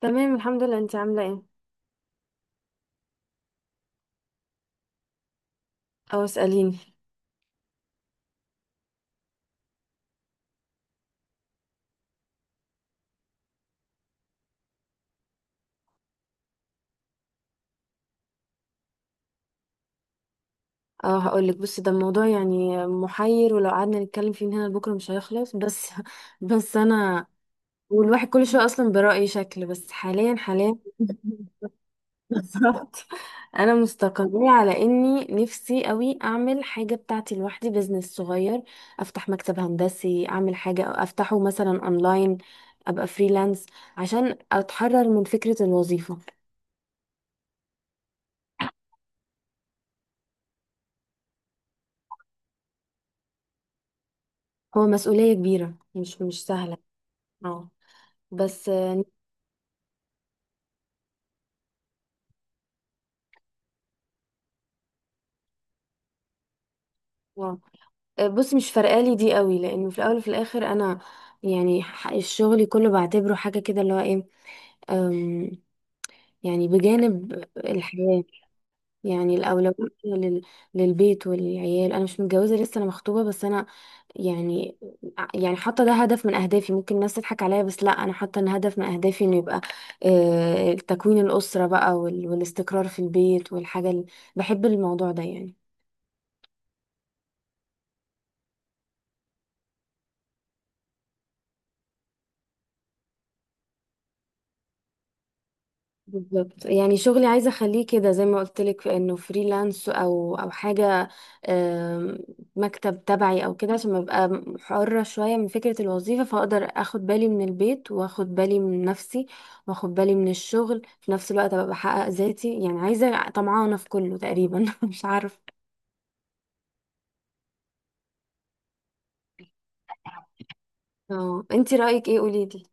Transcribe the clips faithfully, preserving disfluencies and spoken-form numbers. تمام الحمد لله. انت عامله ايه؟ اه اساليني. اه هقولك، بصي ده الموضوع يعني محير، ولو قعدنا نتكلم فيه من هنا لبكره مش هيخلص بس. بس انا والواحد كل شويه اصلا برأي شكل، بس حاليا حاليا. بالظبط. انا مستقرة على اني نفسي قوي اعمل حاجه بتاعتي لوحدي، بزنس صغير، افتح مكتب هندسي، اعمل حاجه أو افتحه مثلا اونلاين، ابقى فريلانس، عشان اتحرر من فكره الوظيفه. هو مسؤوليه كبيره، مش مش سهله. اه. بس آه، آه، بص، مش فارقالي دي قوي، لانه في الاول وفي الاخر انا يعني ح- الشغل كله بعتبره حاجه كده اللي هو ايه. أم، يعني بجانب الحياه، يعني الاولويه لل- للبيت والعيال. انا مش متجوزه لسه، انا مخطوبه، بس انا يعني ع- يعني حاطه ده هدف من اهدافي، ممكن الناس تضحك عليا، بس لا انا حاطه ان هدف من اهدافي انه يبقى آه، تكوين الاسره بقى وال- والاستقرار في البيت والحاجه اللي بحب الموضوع ده يعني. بالظبط. يعني شغلي عايزه اخليه كده زي ما قلت لك، انه فريلانس او او حاجه، آم، مكتب تبعي او كده، عشان ابقى حره شويه من فكره الوظيفه، فاقدر اخد بالي من البيت، واخد بالي من نفسي، واخد بالي من الشغل في نفس الوقت، ابقى بحقق ذاتي. يعني عايزه طمعانه في كله تقريبا. مش عارفه. اه، انتي رايك ايه؟ قولي لي.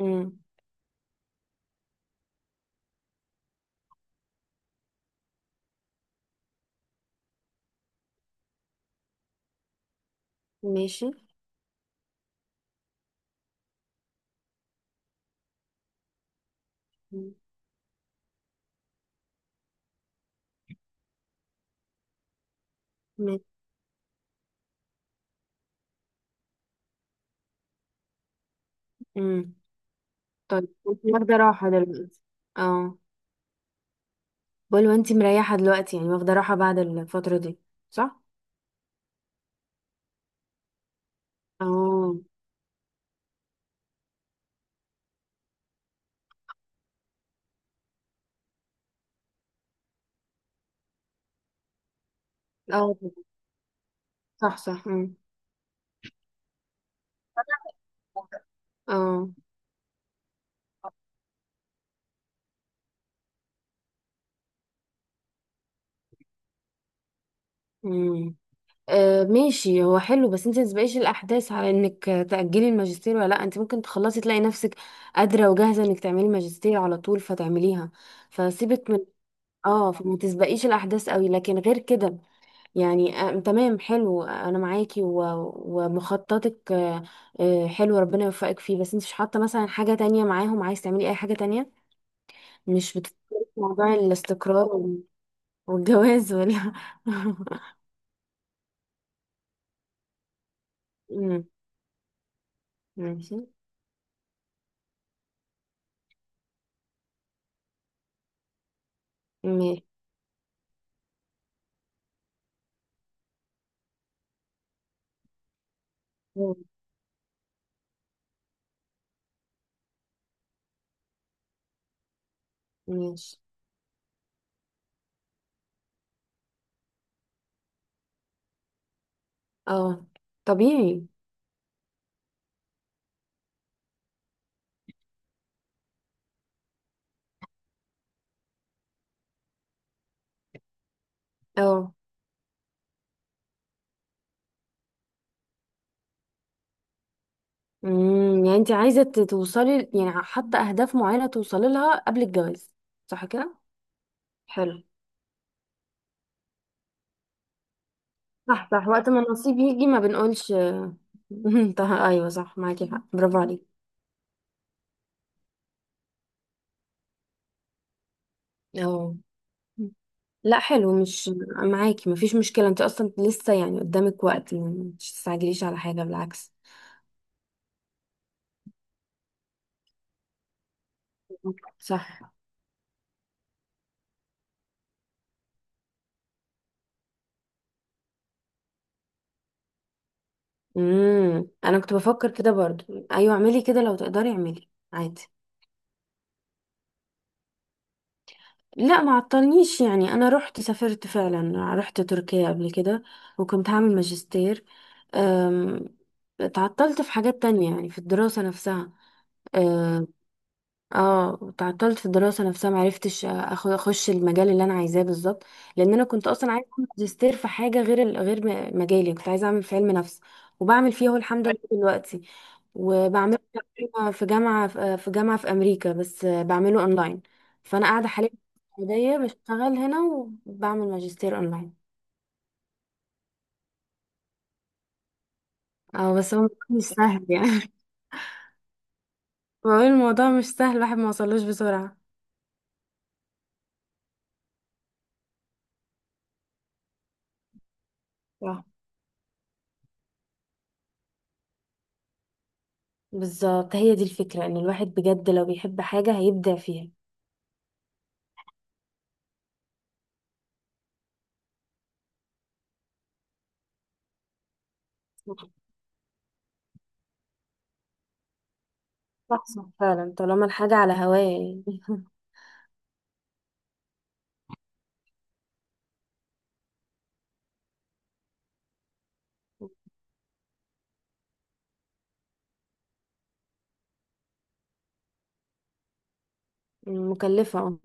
امم. ماشي. ماشي. امم. طيب، انتي واخده راحه دلوقتي؟ اه. بقول وانتي مريحة دلوقتي، يعني واخدة راحة بعد الفترة دي، صح؟ اه. اه، صح صح. مم. اه. مم. آه، ماشي، هو حلو، بس انت متبقيش الاحداث على انك تأجلي الماجستير ولا لا، انت ممكن تخلصي تلاقي نفسك قادرة وجاهزة انك تعملي ماجستير على طول فتعمليها، فسيبك من. اه، فما تسبقيش الاحداث قوي، لكن غير كده يعني آه، تمام، حلو، انا معاكي و... ومخططك، آه، آه، حلو، ربنا يوفقك فيه. بس انت مش حاطه مثلا حاجه تانية معاهم؟ عايز تعملي اي حاجه تانية؟ مش بتفكري في موضوع الاستقرار وال- والجواز ولا؟ مم. ماشي. ماشي. مم. ماشي. اه، طبيعي. اه. مم. يعني انت عايزه ت- توصلي، يعني حاطه اهداف معينه توصلي لها قبل الجواز، صح كده؟ حلو. صح صح، وقت ما النصيب يجي ما بنقولش. طه، ايوه صح، معاكي حق، برافو عليكي. اه، لا حلو، مش معاكي مفيش مشكلة، انت اصلا لسه يعني قدامك وقت، يعني مش تستعجليش على حاجة بالعكس. صح. امم، انا كنت بفكر كده برضو، ايوه اعملي كده لو تقدري، اعملي عادي. لا، ما عطلنيش، يعني انا رحت سافرت فعلا، رحت تركيا قبل كده، وكنت هعمل ماجستير. أم، اتعطلت في حاجات تانية، يعني في الدراسة نفسها. آه، اه تعطلت في الدراسه نفسها، معرفتش اخد اخش المجال اللي انا عايزاه بالظبط، لان انا كنت اصلا عايزه اعمل ماجستير في حاجه غير ال- غير م- مجالي، كنت عايزه اعمل في علم نفس، وبعمل فيه اهو الحمد لله دلوقتي، وبعمله في جامعه، في جامعه في امريكا، بس بعمله اونلاين. فانا قاعده حاليا في السعوديه، بشتغل هنا وبعمل ماجستير اونلاين. اه بس هو مش سهل يعني. بقول الموضوع مش سهل، الواحد ما وصلوش بسرعه. صح، بالظبط، هي دي الفكرة، ان الواحد بجد لو بيحب حاجة هيبدع فيها. صح فعلا، طالما الحاجة على هواية يعني. مكلفة اه.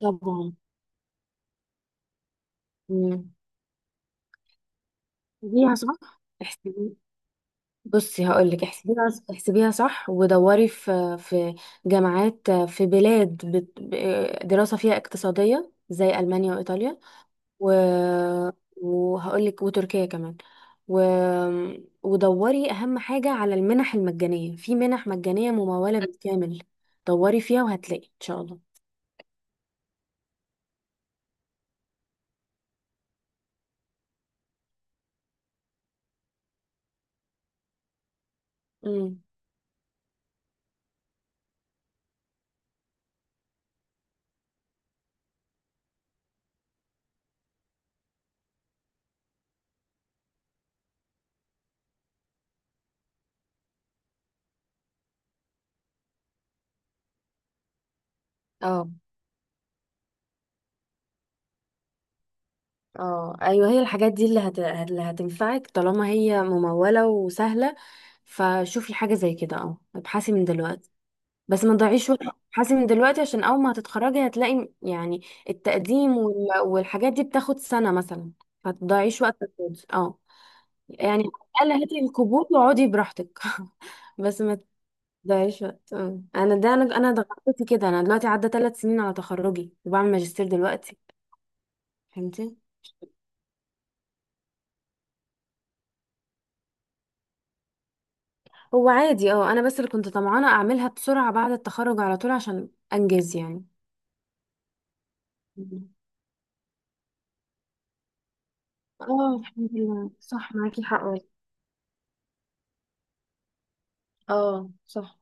طبعا. مم. احسبيها صح، احسبي. بصي هقول لك، احسبيها احسبيها صح، ودوري في في جامعات في بلاد بت... ب- دراسة فيها اقتصادية زي ألمانيا وإيطاليا و... وهقول لك، وتركيا كمان، و... ودوري أهم حاجة على المنح المجانية، في منح مجانية ممولة بالكامل، دوري فيها وهتلاقي إن شاء الله. امم. اه اه ايوه، هي الحاجات دي اللي، هت... اللي هتنفعك طالما هي ممولة وسهلة، فشوفي حاجة زي كده اه، ابحثي من دلوقتي بس ما تضيعيش وقت. ابحثي من دلوقتي عشان اول ما هتتخرجي هتلاقي يعني التقديم وال... والحاجات دي بتاخد سنة مثلا، فتضيعيش وقت فاضي. اه، يعني على الأقل هاتي القبول واقعدي براحتك، بس ما تضيعيش وقت اه. انا ده انا انا ضغطت كده، انا دلوقتي عدى ثلاث سنين على تخرجي وبعمل ماجستير دلوقتي، فهمتي؟ هو عادي اه، انا بس اللي كنت طمعانه اعملها بسرعه بعد التخرج على طول عشان انجز يعني. مم. اه الحمد لله، صح معاكي حق والله. اه صح.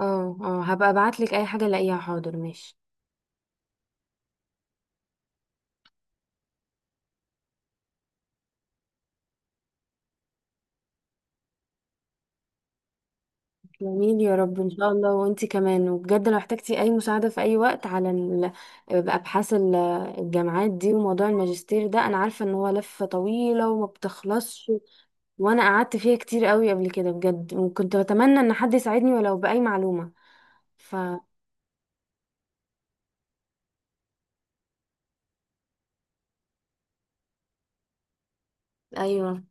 اه اه هبقى ابعتلك اي حاجه الاقيها، حاضر ماشي. جميل، يا رب ان شاء الله، وانتي كمان، وبجد لو احتجتي اي مساعده في اي وقت على ال- ابحاث ال- الجامعات دي وموضوع الماجستير ده، انا عارفه ان هو لفه طويله وما بتخلصش، وانا قعدت فيها كتير قوي قبل كده بجد، وكنت بتمنى ان حد يساعدني ولو باي معلومه. ف. ايوه،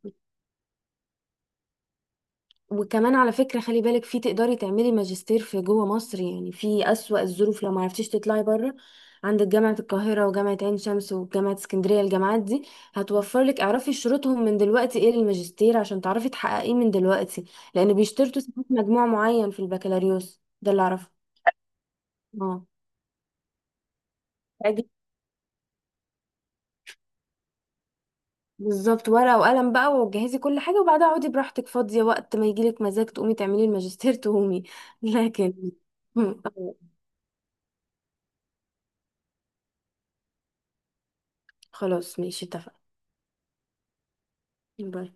وكمان على فكرة، خلي بالك، في تقدري تعملي ماجستير في جوه مصر، يعني في أسوأ الظروف لو ما عرفتيش تطلعي بره، عندك جامعة القاهرة وجامعة عين شمس وجامعة اسكندرية، الجامعات دي هتوفر لك، اعرفي شروطهم من دلوقتي ايه للماجستير عشان تعرفي تحققيه من دلوقتي، لأن بيشترطوا ساعات مجموع معين في البكالوريوس، ده اللي أعرفه. اه، أجي- بالظبط، ورقة وقلم بقى، وجهزي كل حاجة، وبعدها اقعدي براحتك فاضية، وقت ما يجيلك مزاج تقومي تعملي الماجستير تقومي. لكن خلاص ماشي اتفقنا. باي.